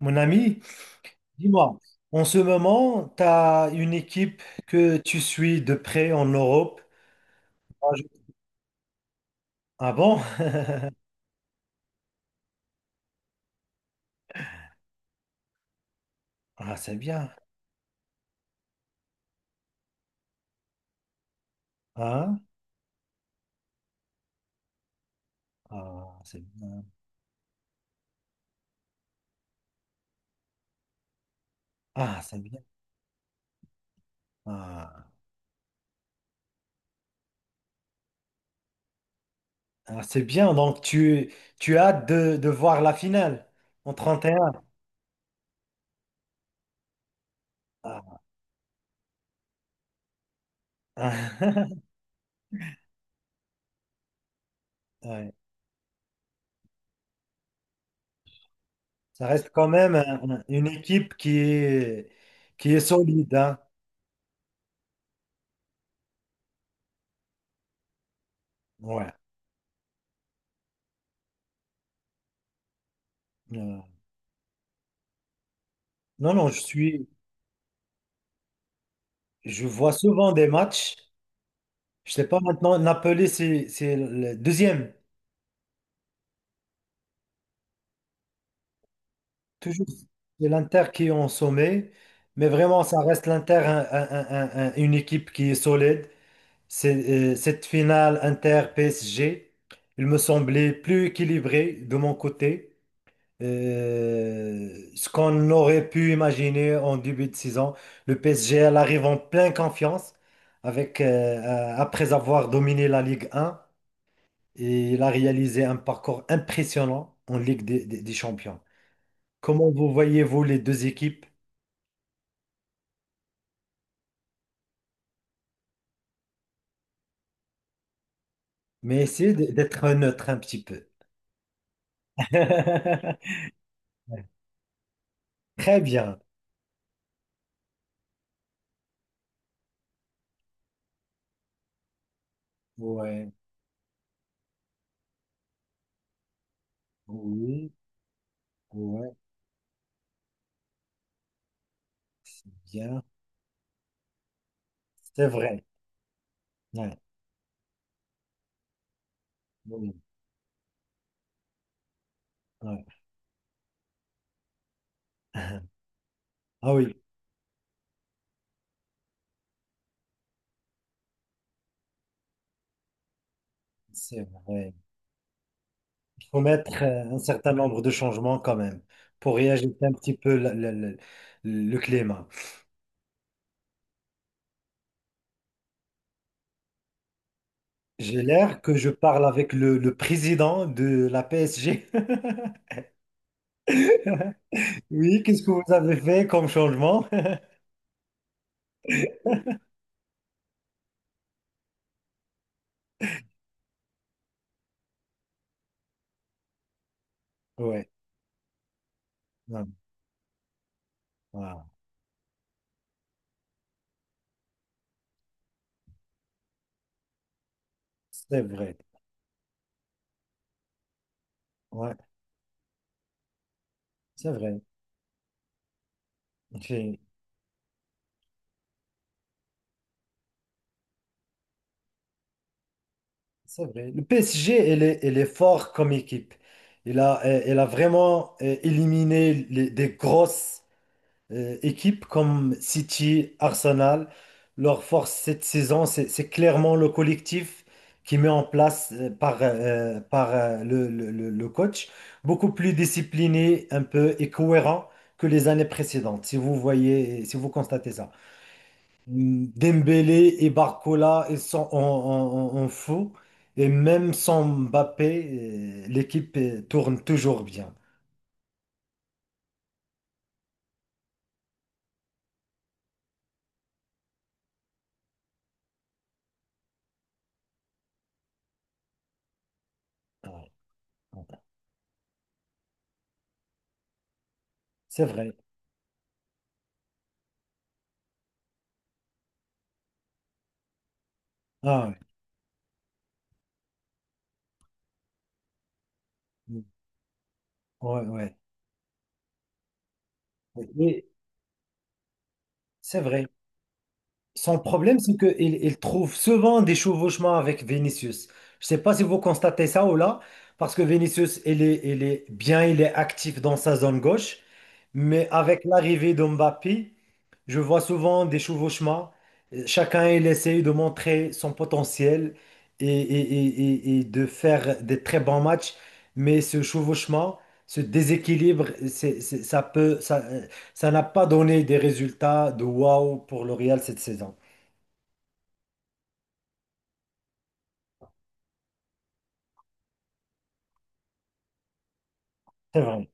Mon ami, dis-moi, en ce moment, tu as une équipe que tu suis de près en Europe. Ah je- ah bon? Ah, c'est bien. Hein? Ah, c'est bien. Ah, c'est bien. Ah, ah, c'est bien. Donc, tu as hâte de voir la finale en 31. Ah, ah, ouais. Ça reste quand même une équipe qui est solide, hein. Ouais. Euh, non, non, je suis, je vois souvent des matchs. Je sais pas maintenant, Napoli, c'est le deuxième. Toujours, c'est l'Inter qui est en sommet. Mais vraiment, ça reste l'Inter, une équipe qui est solide. Cette finale Inter-PSG, il me semblait plus équilibré de mon côté. Ce qu'on aurait pu imaginer en début de saison, le PSG, elle arrive en pleine confiance avec, euh, après avoir dominé la Ligue 1. Et il a réalisé un parcours impressionnant en Ligue des Champions. Comment vous voyez-vous les deux équipes? Mais essayez d'être neutre un petit peu. Très bien. Ouais, oui, ouais, bien. C'est vrai. Ouais, oui, ouais. Ah oui, c'est vrai. Il faut mettre un certain nombre de changements quand même pour réajuster un petit peu le climat. J'ai l'air que je parle avec le président de la PSG. Oui, qu'est-ce que vous avez fait comme changement? Oui, c'est vrai. Ouais, c'est vrai. J'ai- C'est vrai. Le PSG, elle est fort comme équipe. Elle a vraiment éliminé des grosses équipes comme City, Arsenal, leur force cette saison, c'est clairement le collectif qui met en place par le coach, beaucoup plus discipliné un peu et cohérent que les années précédentes, si vous voyez, si vous constatez ça. Mm, Dembélé et Barcola, ils sont en fou. Et même sans Mbappé, l'équipe tourne toujours bien. Ah, c'est vrai. Ah, ouais. Ouais, ouais. C'est vrai. Son problème, c'est qu'il trouve souvent des chevauchements avec Vinicius. Je ne sais pas si vous constatez ça ou là, parce que Vinicius, il est bien, il est actif dans sa zone gauche, mais avec l'arrivée de Mbappé, je vois souvent des chevauchements. Chacun, il essaye de montrer son potentiel et de faire des très bons matchs, mais ce chevauchement, ce déséquilibre, ça n'a pas donné des résultats de waouh pour le Real cette saison. C'est vrai,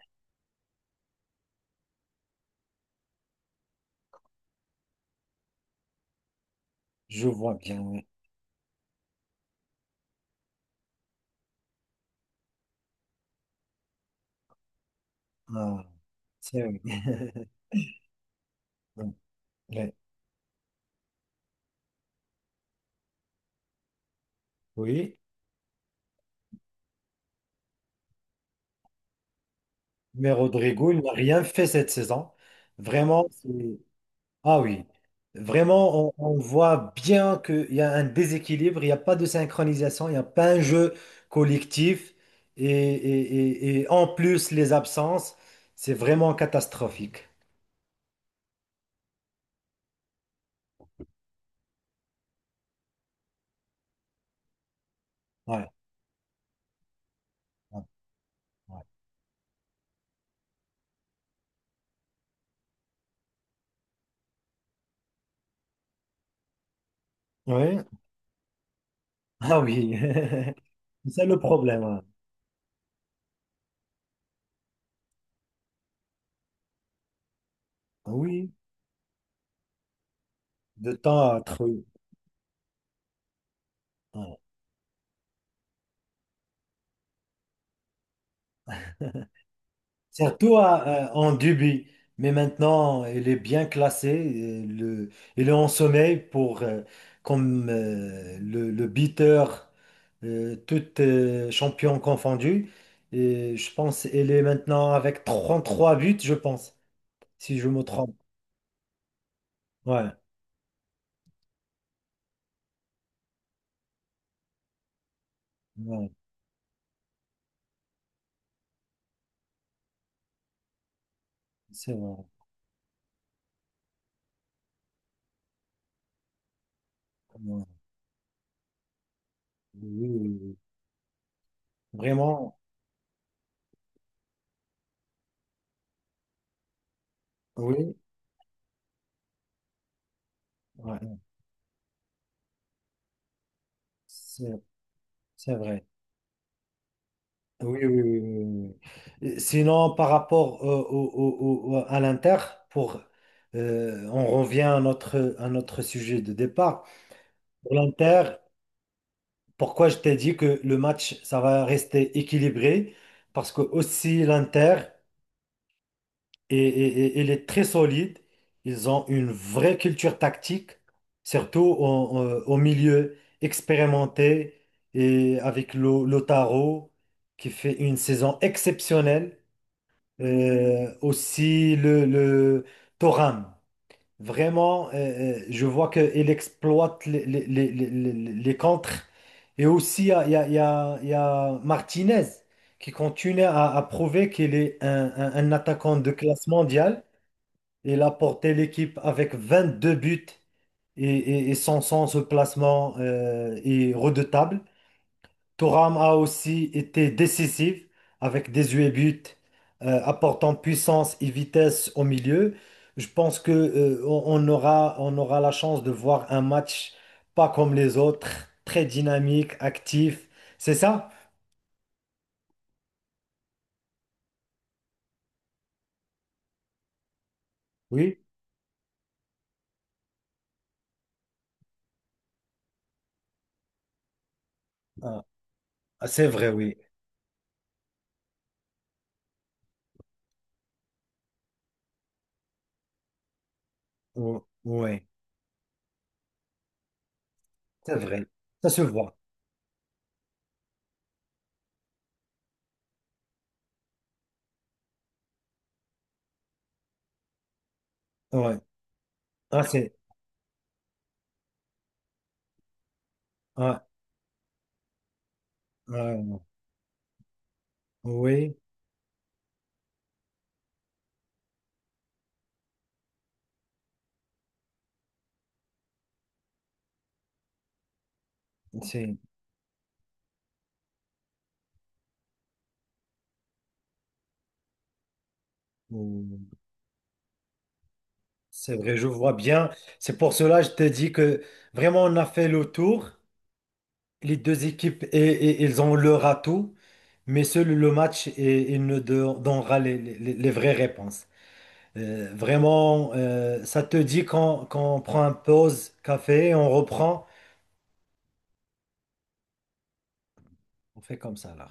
je vois bien. Ouais. Ah, c'est vrai. Ouais. Oui, mais Rodrigo, il n'a rien fait cette saison. Vraiment, c'est... Ah oui, vraiment, on voit bien qu'il y a un déséquilibre, il n'y a pas de synchronisation, il n'y a pas un jeu collectif. Et, et- et en plus, les absences, c'est vraiment catastrophique. Ouais, ouais, ouais. Oui, ah oui. C'est le problème, hein. Oui, de temps à trouver. Hein. Surtout en début. Mais maintenant, il est bien classé. Et le, il est en sommeil pour, comme le beater, tout champion confondu. Et je pense il est maintenant avec 33 buts, je pense, si je me trompe. Ouais, ouais, c'est vrai. Ouais. Oui, oui, oui. Vraiment, oui, ouais, c'est c'est vrai. Ah oui, oui, oui, oui, oui. Sinon, par rapport à l'Inter, pour, on revient à notre sujet de départ. Pour l'Inter, pourquoi je t'ai dit que le match, ça va rester équilibré? Parce que aussi l'Inter, il est très solide. Ils ont une vraie culture tactique, surtout au milieu expérimenté et avec Lautaro, qui fait une saison exceptionnelle. Aussi le Thuram. Vraiment, je vois qu'il exploite les contres. Et aussi, il y a, il y a- il y a- il y a Martinez qui continue à prouver qu'il est un attaquant de classe mondiale. Il a porté l'équipe avec 22 buts et son sens de placement est redoutable. Thuram a aussi été décisif avec 18 buts, apportant puissance et vitesse au milieu. Je pense que, on aura la chance de voir un match pas comme les autres, très dynamique, actif. C'est ça? Oui. Ah, c'est vrai, oui. Ou- oui, c'est vrai. Ça se voit. Ouais. Ah, c'est, ah, ah, oui, c'est, c'est vrai, je vois bien. C'est pour cela que je te dis que vraiment on a fait le tour. Les deux équipes, ils ont leur atout, mais seul le match, et, il ne donnera les vraies réponses. Vraiment, ça te dit qu'on prend un pause café, on reprend, on fait comme ça là.